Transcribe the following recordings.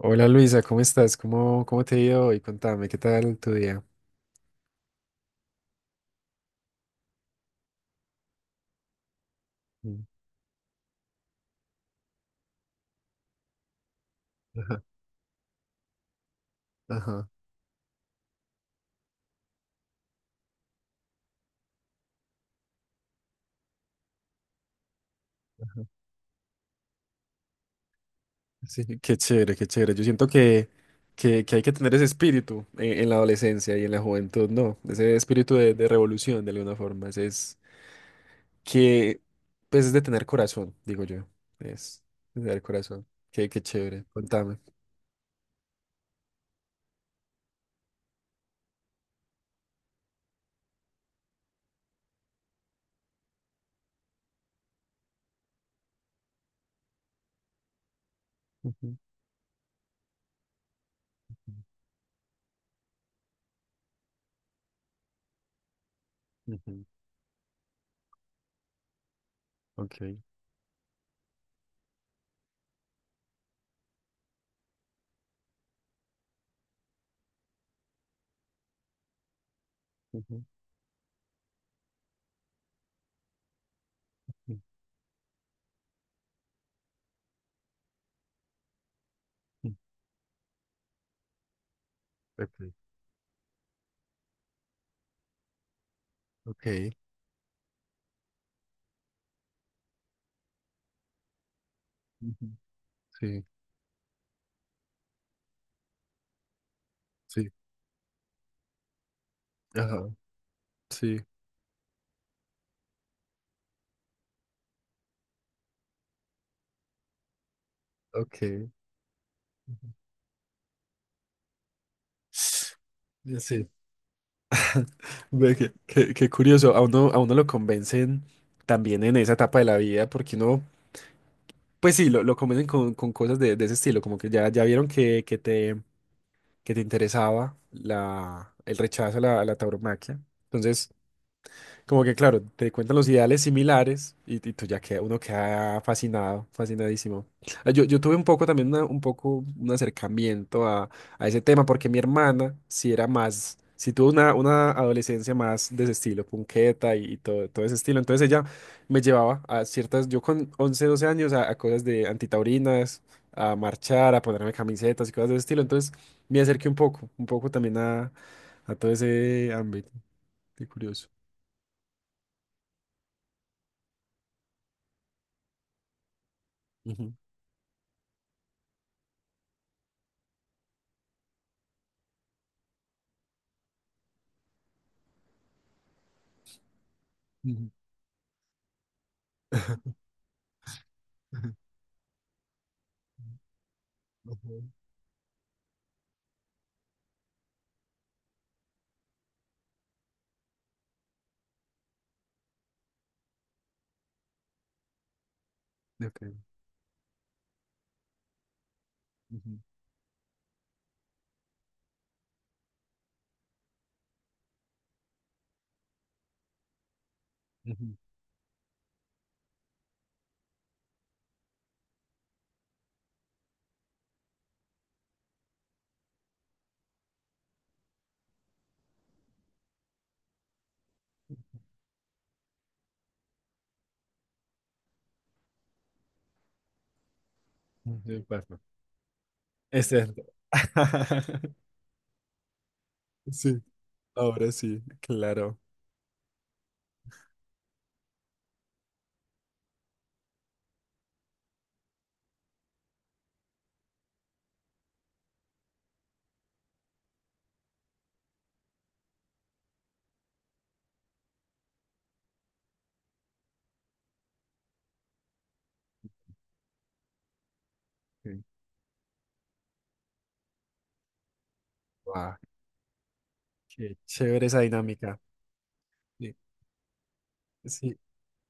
Hola Luisa, ¿cómo estás? ¿Cómo te ha ido hoy? Contame, ¿qué tal tu día? Mm. Ajá, ajá, ajá. Sí, qué chévere, qué chévere. Yo siento que hay que tener ese espíritu en la adolescencia y en la juventud, ¿no? Ese espíritu de revolución, de alguna forma. Que, pues, es de tener corazón, digo yo. Es de tener corazón. Qué chévere. Contame. Ujú, ujú. Ok. Ujú, ujú, ujú. Ok, ok. Ujú. Sí. Sí. Ajá. Sí. Ok. Ya sé. Ve, qué curioso, a uno lo convencen también en esa etapa de la vida, porque uno, pues sí, lo convencen con cosas de ese estilo, como que ya, ya vieron que te interesaba la, el rechazo a la tauromaquia. Entonces, como que, claro, te cuentan los ideales similares y tú uno queda fascinado, fascinadísimo. Ah, yo tuve un poco también un acercamiento a ese tema porque mi hermana sí tuvo una adolescencia más de ese estilo, punqueta y todo ese estilo. Entonces ella me llevaba a ciertas, yo con 11 12 años, a cosas de antitaurinas, a marchar, a ponerme camisetas y cosas de ese estilo. Entonces me acerqué un poco también a todo ese ámbito. Qué curioso. Ujú. Ujú. Ujú. Ok. Ujú, ujú, ujú, Batman. Es cierto. Sí, ahora sí, claro. Sí. Guau, qué chévere esa dinámica. Sí, sí,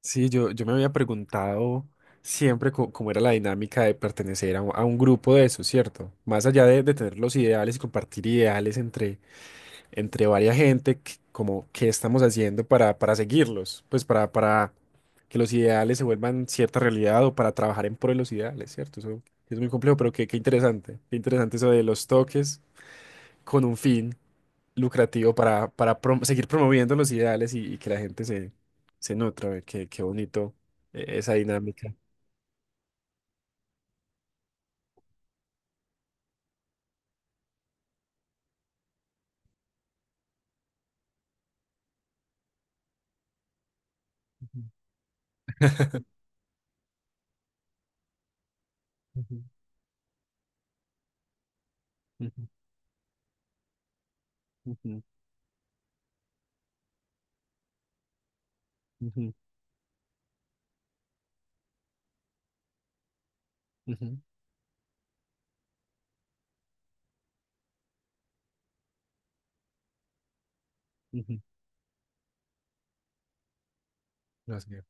sí, yo me había preguntado siempre cómo era la dinámica de pertenecer a un grupo de eso, ¿cierto? Más allá de tener los ideales y compartir ideales entre varias gente, como qué estamos haciendo para seguirlos, pues para que los ideales se vuelvan cierta realidad o para trabajar en pro de los ideales, ¿cierto? Eso es muy complejo, pero qué interesante, qué interesante eso de los toques con un fin lucrativo para seguir promoviendo los ideales y que la gente se nutra, ve, qué bonito, esa dinámica. Ujú, ujú, ujú, ujú, ujú, ujú. No sé.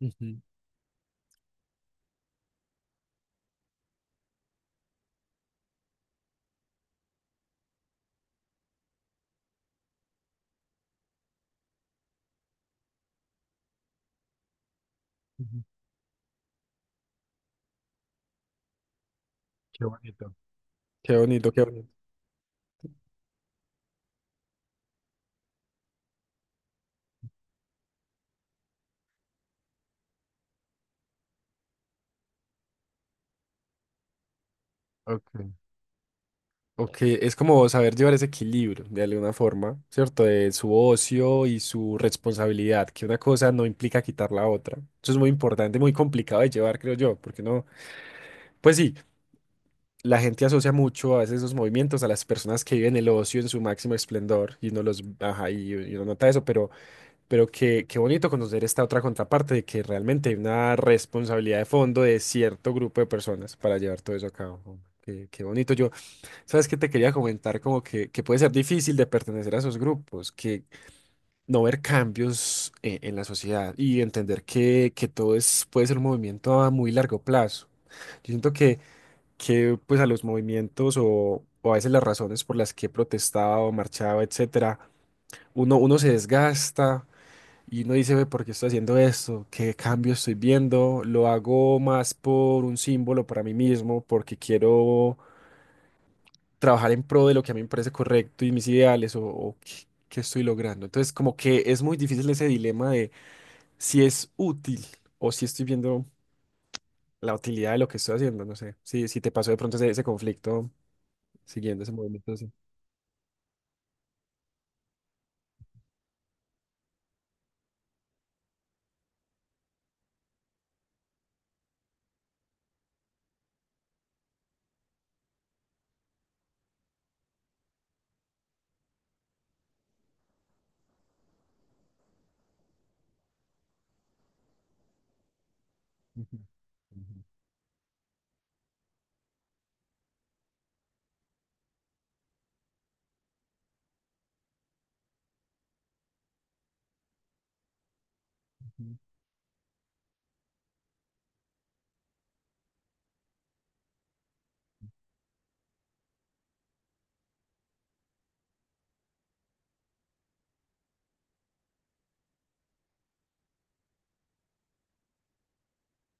Ujú, ujú. Qué bonito. Qué bonito, qué bonito. Ok. Ok, es como saber llevar ese equilibrio de alguna forma, ¿cierto? De su ocio y su responsabilidad, que una cosa no implica quitar la otra. Eso es muy importante, muy complicado de llevar, creo yo, porque no, pues sí, la gente asocia mucho a veces esos movimientos a las personas que viven el ocio en su máximo esplendor y uno los, ajá, y uno nota eso, pero qué bonito conocer esta otra contraparte de que realmente hay una responsabilidad de fondo de cierto grupo de personas para llevar todo eso a cabo. Qué bonito. ¿Sabes qué te quería comentar? Como que puede ser difícil de pertenecer a esos grupos, que no ver cambios, en la sociedad y entender que todo es, puede ser un movimiento a muy largo plazo. Yo siento que pues a los movimientos o a veces las razones por las que he protestado, marchado, etcétera, uno se desgasta y uno dice, ve, ¿por qué estoy haciendo esto? ¿Qué cambio estoy viendo? Lo hago más por un símbolo para mí mismo, porque quiero trabajar en pro de lo que a mí me parece correcto y mis ideales o qué estoy logrando. Entonces, como que es muy difícil ese dilema de si es útil o si estoy viendo la utilidad de lo que estoy haciendo. No sé, si te pasó de pronto ese conflicto siguiendo ese movimiento así. Ujú, ujú,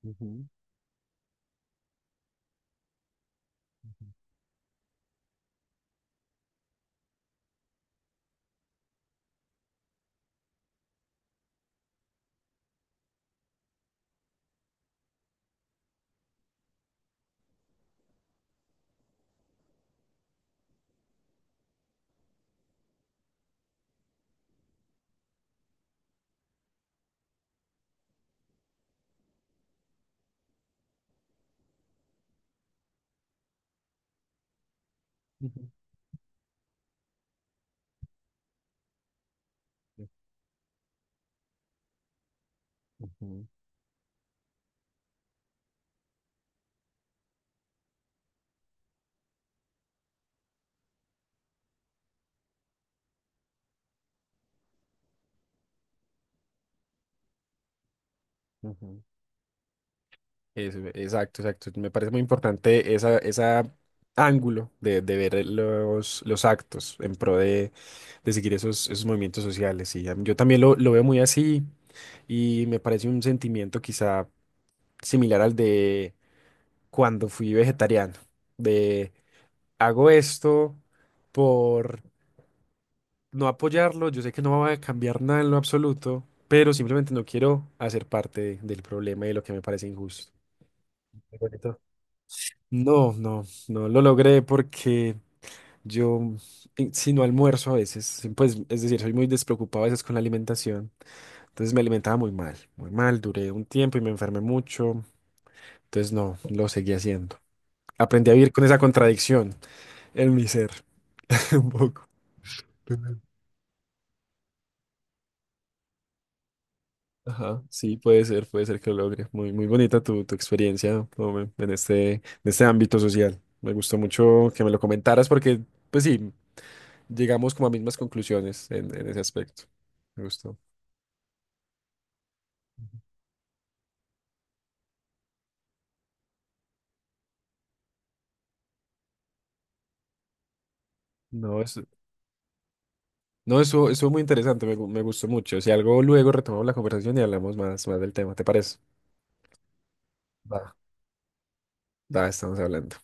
ujú, ujú, ujú, ujú. Eso, exacto, exacto. Me parece muy importante esa ángulo de ver los actos en pro de seguir esos movimientos sociales. Y yo también lo veo muy así y me parece un sentimiento quizá similar al de cuando fui vegetariano, de hago esto por no apoyarlo, yo sé que no va a cambiar nada en lo absoluto, pero simplemente no quiero hacer parte del problema y de lo que me parece injusto. Muy bonito. No, no, no lo logré porque yo, si no almuerzo a veces, pues es decir, soy muy despreocupado a veces con la alimentación. Entonces me alimentaba muy mal, duré un tiempo y me enfermé mucho, entonces no, lo seguí haciendo. Aprendí a vivir con esa contradicción en mi ser, un poco. Ajá, sí, puede ser que lo logre. Muy, muy bonita tu experiencia, ¿no?, en este ámbito social. Me gustó mucho que me lo comentaras porque, pues sí, llegamos como a mismas conclusiones en ese aspecto. Me gustó. No, eso, no, eso muy interesante, me gustó mucho. Si algo, luego retomamos la conversación y hablamos más, más del tema, ¿te parece? Va. Da, estamos hablando.